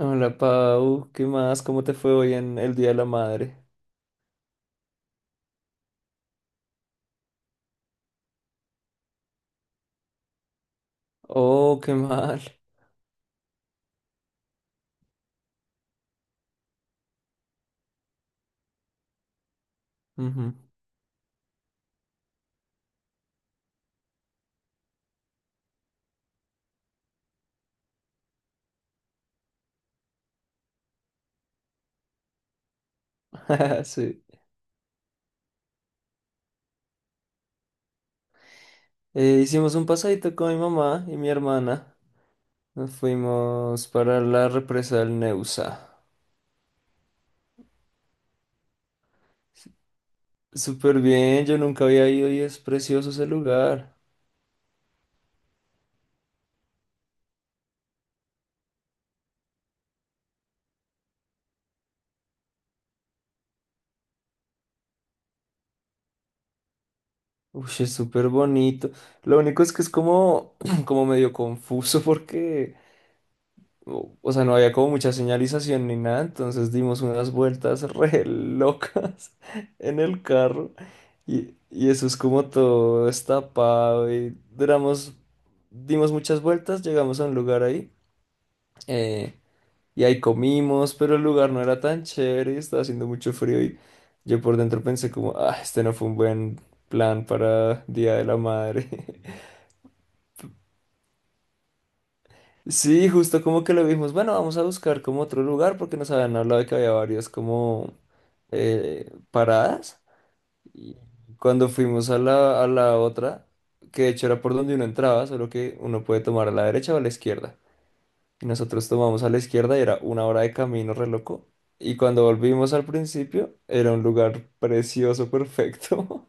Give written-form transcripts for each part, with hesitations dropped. Hola Pau, ¿qué más? ¿Cómo te fue hoy en el Día de la Madre? Oh, qué mal. Ujú. Sí. Hicimos un pasadito con mi mamá y mi hermana. Nos fuimos para la represa del Neusa. Súper bien, yo nunca había ido y es precioso ese lugar. Uy, es súper bonito. Lo único es que es como, como medio confuso porque o sea, no había como mucha señalización ni nada, entonces dimos unas vueltas re locas en el carro y eso es como todo destapado y duramos, dimos muchas vueltas, llegamos a un lugar ahí eh, y ahí comimos, pero el lugar no era tan chévere y estaba haciendo mucho frío y yo por dentro pensé como, ah, este no fue un buen plan para Día de la Madre. Sí, justo como que lo vimos. Bueno, vamos a buscar como otro lugar porque nos habían hablado de que había varias como paradas. Y cuando fuimos a la otra, que de hecho era por donde uno entraba, solo que uno puede tomar a la derecha o a la izquierda. Y nosotros tomamos a la izquierda y era una hora de camino re loco. Y cuando volvimos al principio, era un lugar precioso, perfecto.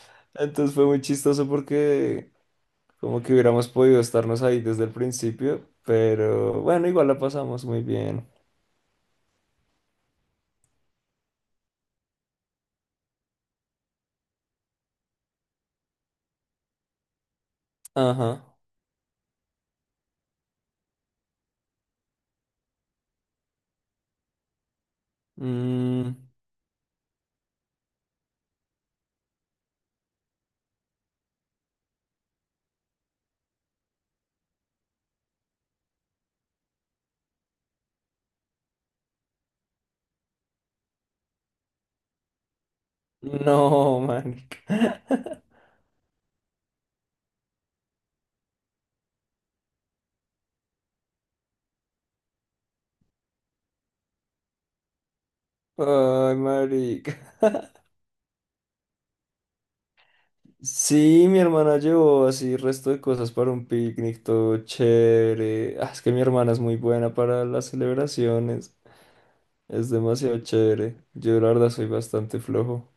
Entonces fue muy chistoso porque como que hubiéramos podido estarnos ahí desde el principio, pero bueno, igual la pasamos muy bien. Ajá. Mm, no, marica. Ay, marica. Sí, mi hermana llevó así resto de cosas para un picnic, todo chévere. Ah, es que mi hermana es muy buena para las celebraciones. Es demasiado chévere. Yo la verdad soy bastante flojo.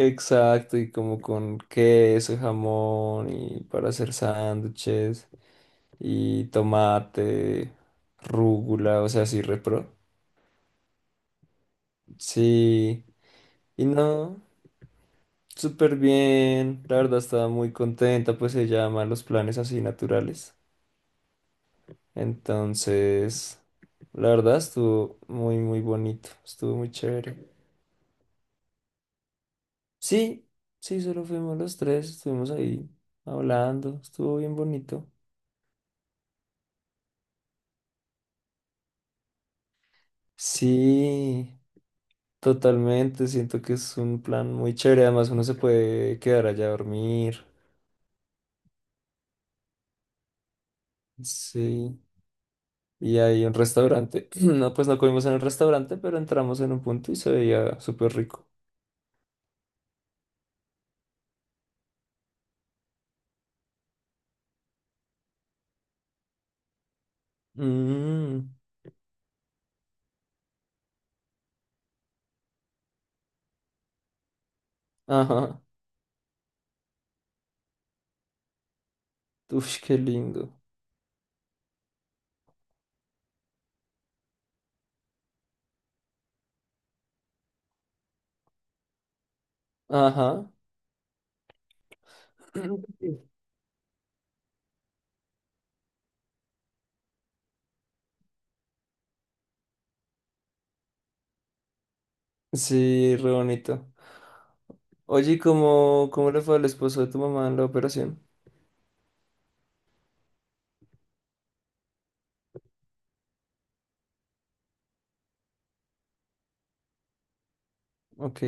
Exacto, y como con queso, jamón y para hacer sándwiches, y tomate, rúgula, o sea, así repro. Sí, y no, súper bien. La verdad estaba muy contenta, pues se llama los planes así naturales. Entonces, la verdad estuvo muy, muy bonito, estuvo muy chévere. Sí, sí, solo fuimos los tres, estuvimos ahí hablando, estuvo bien bonito. Sí, totalmente, siento que es un plan muy chévere, además uno se puede quedar allá a dormir. Sí, y hay un restaurante. No, pues no comimos en el restaurante, pero entramos en un punto y se veía súper rico. Mm, ajá. Uf, qué lindo. Ajá. Sí, re bonito. Oye, ¿cómo le fue al esposo de tu mamá en la operación? Ok,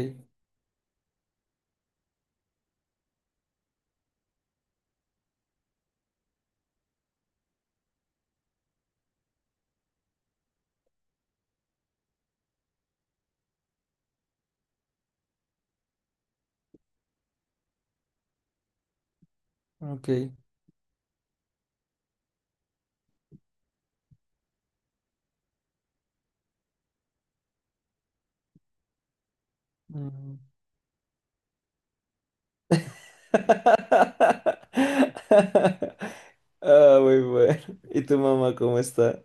ok. Mm. Ah, muy bueno. ¿Y tu mamá cómo está?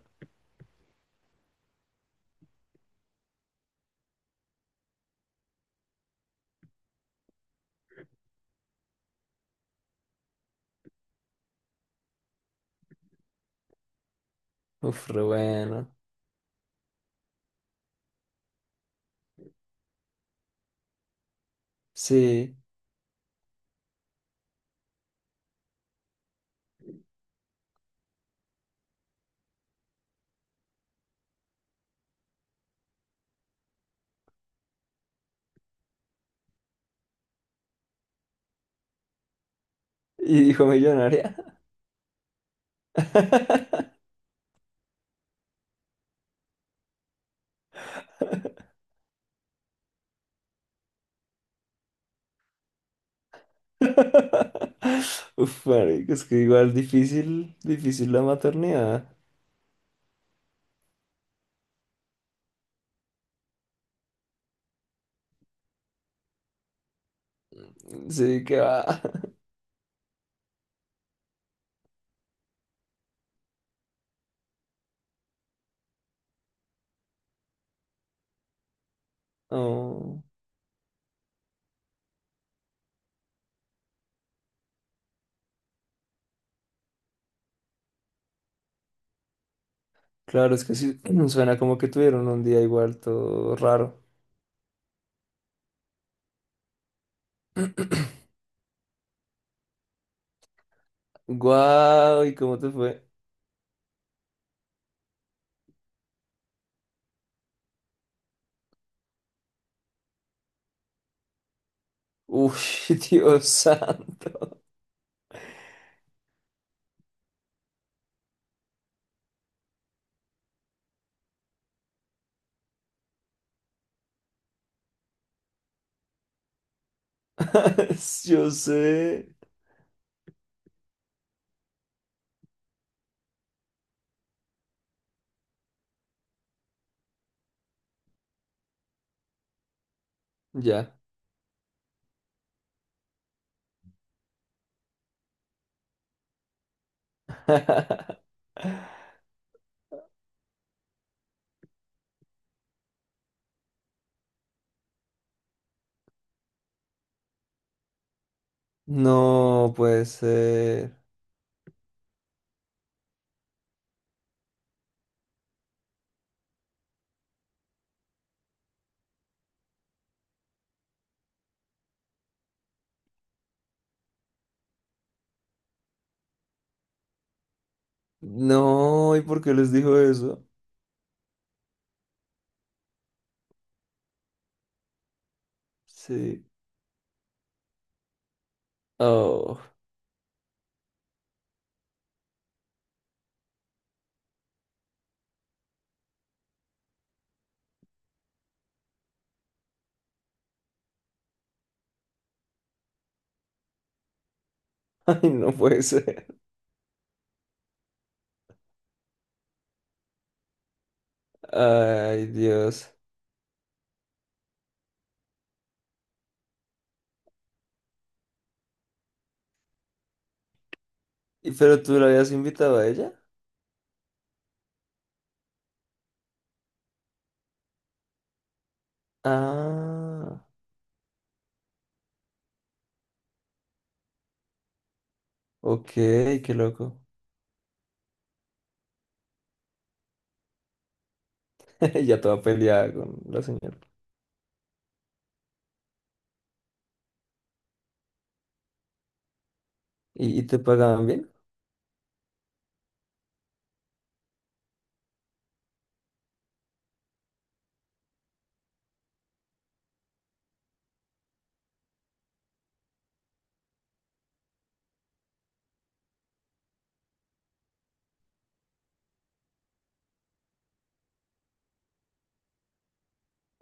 Uf, re bueno. Sí. ¿Y hijo millonaria? Uf, marico, es que igual difícil, difícil la maternidad. Sí, que va. Oh, claro, es que sí, suena como que tuvieron un día igual todo raro. Guau, ¿y cómo te fue? Uy, Dios santo. Yo sé. Ya. No puede ser. No, ¿y por qué les dijo eso? Sí. Oh, ay, no puede ser. Ay, Dios. ¿Y pero tú la habías invitado a ella? Ah, ok, qué loco. Ya toda peleada con la señora. Y te pagaban bien?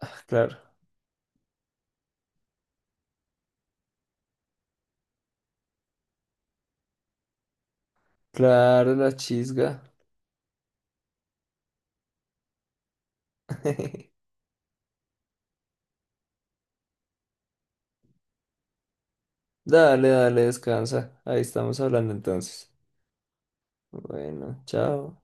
Ah, claro, claro, la chisga. Dale, dale, descansa. Ahí estamos hablando entonces. Bueno, chao.